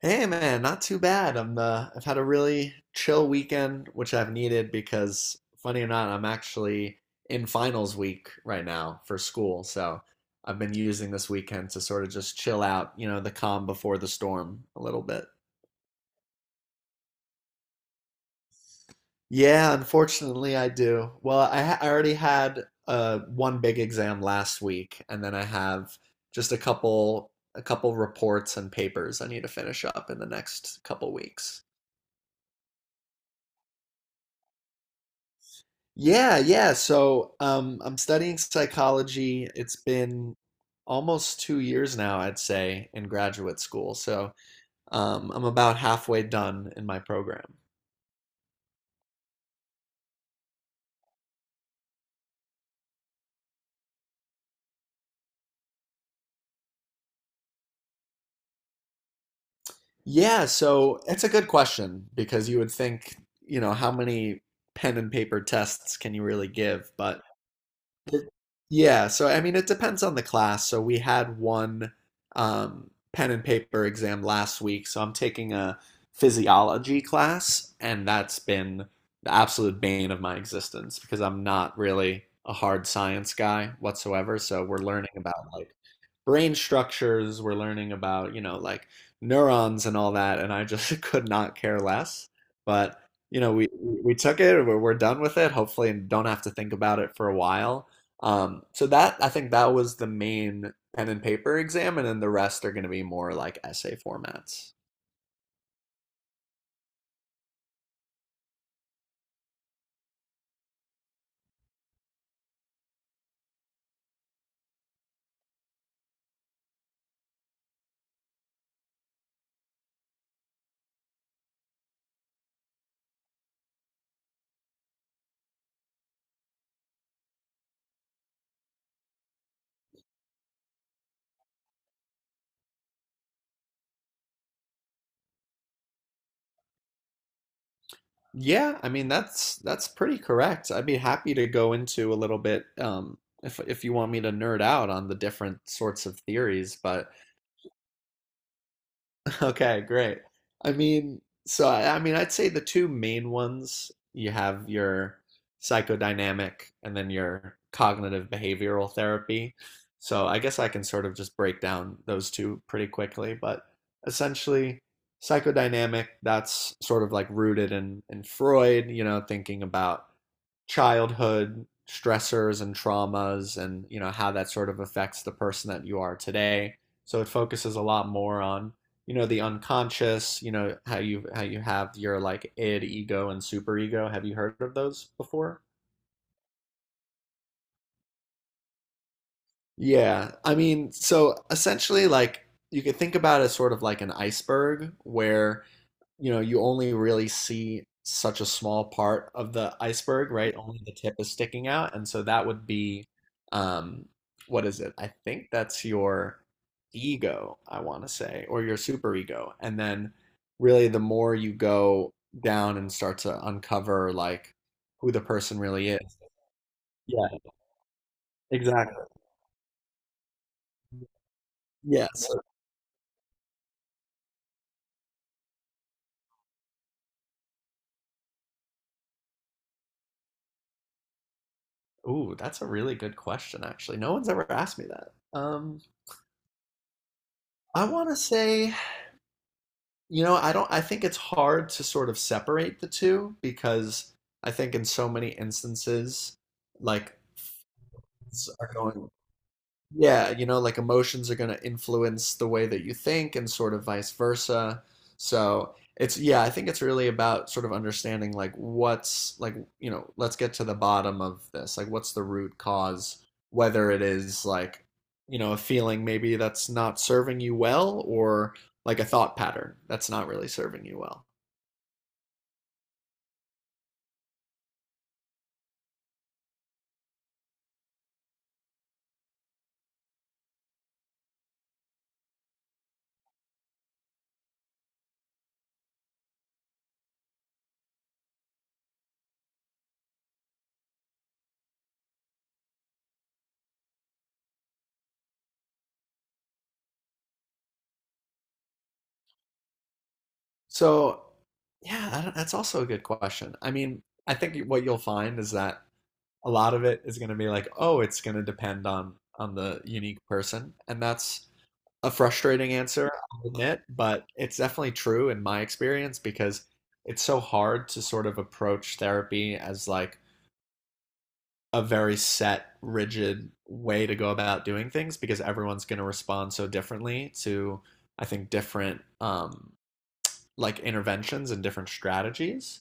Hey man, not too bad. I've had a really chill weekend, which I've needed because funny or not, I'm actually in finals week right now for school. So I've been using this weekend to sort of just chill out, you know, the calm before the storm a little bit. Yeah, unfortunately I do. Well, I already had one big exam last week, and then I have just a couple reports and papers I need to finish up in the next couple weeks. Yeah, yeah. I'm studying psychology. It's been almost 2 years now, I'd say, in graduate school. I'm about halfway done in my program. Yeah, so it's a good question because you would think, you know, how many pen and paper tests can you really give? But It yeah, so I mean, it depends on the class. So we had one pen and paper exam last week. So I'm taking a physiology class, and that's been the absolute bane of my existence because I'm not really a hard science guy whatsoever. So we're learning about like brain structures, we're learning about, you know, like neurons and all that, and I just could not care less. But, you know, we took it, we're done with it, hopefully, and don't have to think about it for a while. So that I think that was the main pen and paper exam, and then the rest are going to be more like essay formats. Yeah, I mean that's pretty correct. I'd be happy to go into a little bit if you want me to nerd out on the different sorts of theories, but okay, great. I'd say the two main ones, you have your psychodynamic and then your cognitive behavioral therapy. So I guess I can sort of just break down those two pretty quickly, but essentially, psychodynamic, that's sort of like rooted in Freud, you know, thinking about childhood stressors and traumas, and you know how that sort of affects the person that you are today. So it focuses a lot more on, you know, the unconscious. You know, how you, how you have your like id, ego, and superego. Have you heard of those before? Yeah, I mean, so essentially, like, you could think about it as sort of like an iceberg, where, you know, you only really see such a small part of the iceberg, right? Only the tip is sticking out. And so that would be, um, what is it? I think that's your ego, I want to say, or your superego. And then really the more you go down and start to uncover like who the person really is. Yeah, exactly. Yeah. Ooh, that's a really good question, actually. No one's ever asked me that. Um, I want to say, You know, I don't, I think it's hard to sort of separate the two, because I think in so many instances, like, are going, yeah, you know, like emotions are going to influence the way that you think, and sort of vice versa. Yeah, I think it's really about sort of understanding, you know, let's get to the bottom of this. Like, what's the root cause, whether it is like, you know, a feeling maybe that's not serving you well, or like a thought pattern that's not really serving you well. So, yeah, I don't— that's also a good question. I mean, I think what you'll find is that a lot of it is going to be like, oh, it's going to depend on the unique person, and that's a frustrating answer, I'll admit, but it's definitely true in my experience, because it's so hard to sort of approach therapy as like a very set, rigid way to go about doing things, because everyone's going to respond so differently to, I think, different like interventions and different strategies.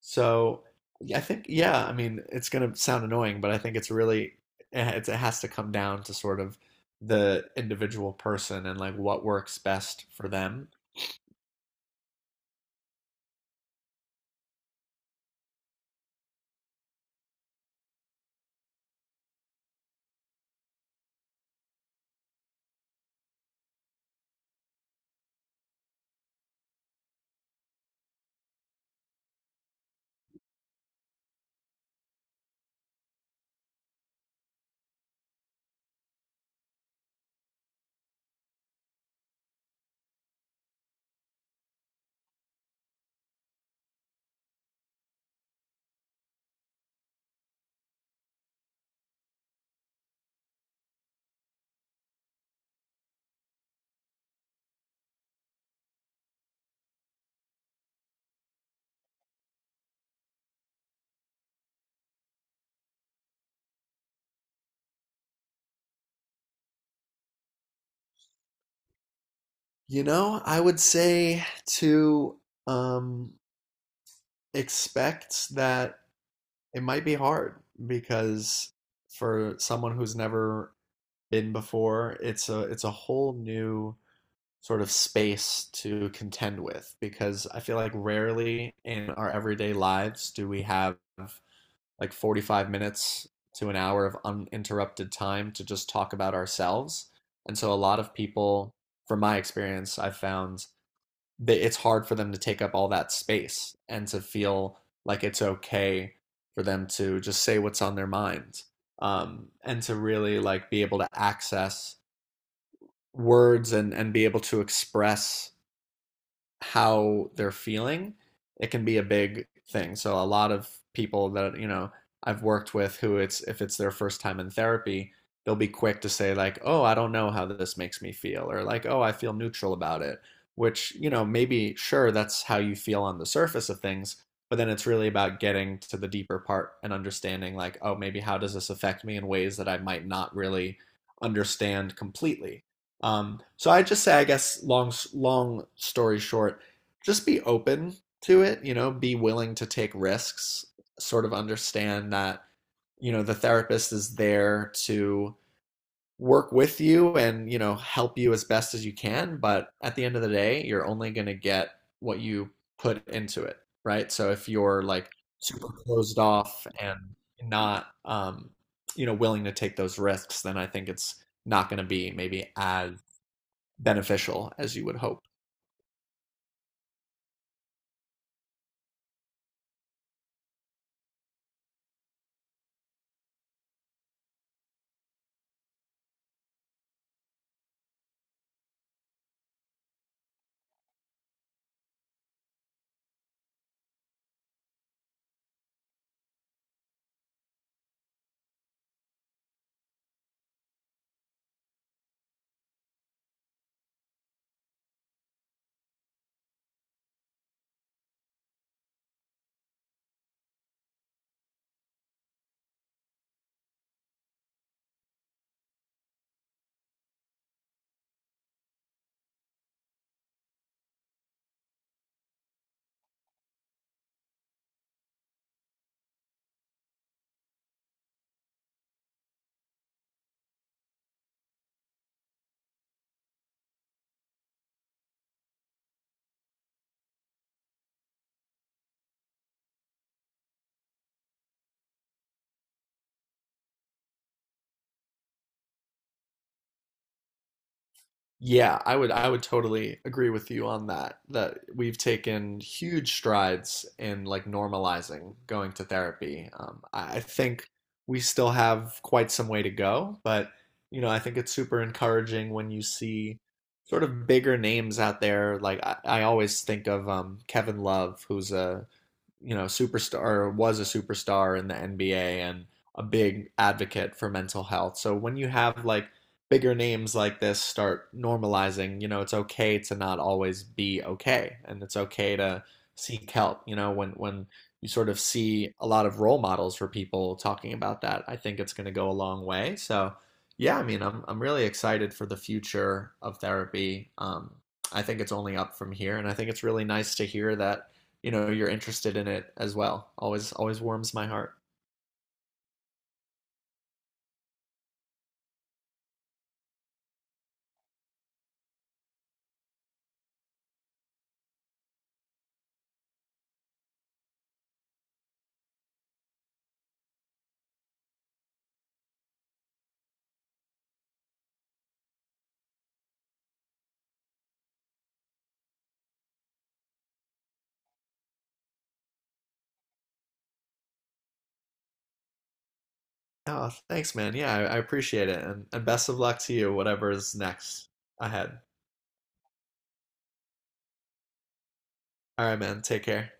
So I mean, it's gonna sound annoying, but I think it's really it has to come down to sort of the individual person and like what works best for them. You know, I would say to um, expect that it might be hard, because for someone who's never been before, it's a whole new sort of space to contend with, because I feel like rarely in our everyday lives do we have like 45 minutes to an hour of uninterrupted time to just talk about ourselves. And so a lot of people, from my experience, I've found that it's hard for them to take up all that space and to feel like it's okay for them to just say what's on their mind, and to really like be able to access words, and be able to express how they're feeling. It can be a big thing. So a lot of people that, you know, I've worked with, who it's if it's their first time in therapy, they'll be quick to say like, "Oh, I don't know how this makes me feel," or like, "Oh, I feel neutral about it." Which, you know, maybe sure that's how you feel on the surface of things, but then it's really about getting to the deeper part and understanding like, "Oh, maybe how does this affect me in ways that I might not really understand completely?" So I just say, I guess, long, long story short, just be open to it, you know, be willing to take risks, sort of understand that, you know, the therapist is there to work with you and, you know, help you as best as you can. But at the end of the day, you're only going to get what you put into it, right? So if you're like super closed off and not, you know, willing to take those risks, then I think it's not going to be maybe as beneficial as you would hope. Yeah, I would totally agree with you on that. That we've taken huge strides in like normalizing going to therapy. I think we still have quite some way to go, but you know, I think it's super encouraging when you see sort of bigger names out there. Like I always think of Kevin Love, who's a, you know, superstar, or was a superstar in the NBA and a big advocate for mental health. So when you have like bigger names like this start normalizing, you know, it's okay to not always be okay, and it's okay to seek help, you know, when you sort of see a lot of role models for people talking about that, I think it's going to go a long way. I mean, I'm really excited for the future of therapy. I think it's only up from here, and I think it's really nice to hear that you know you're interested in it as well. Always, always warms my heart. Oh, thanks, man. Yeah, I appreciate it, and best of luck to you, whatever is next ahead. All right, man. Take care.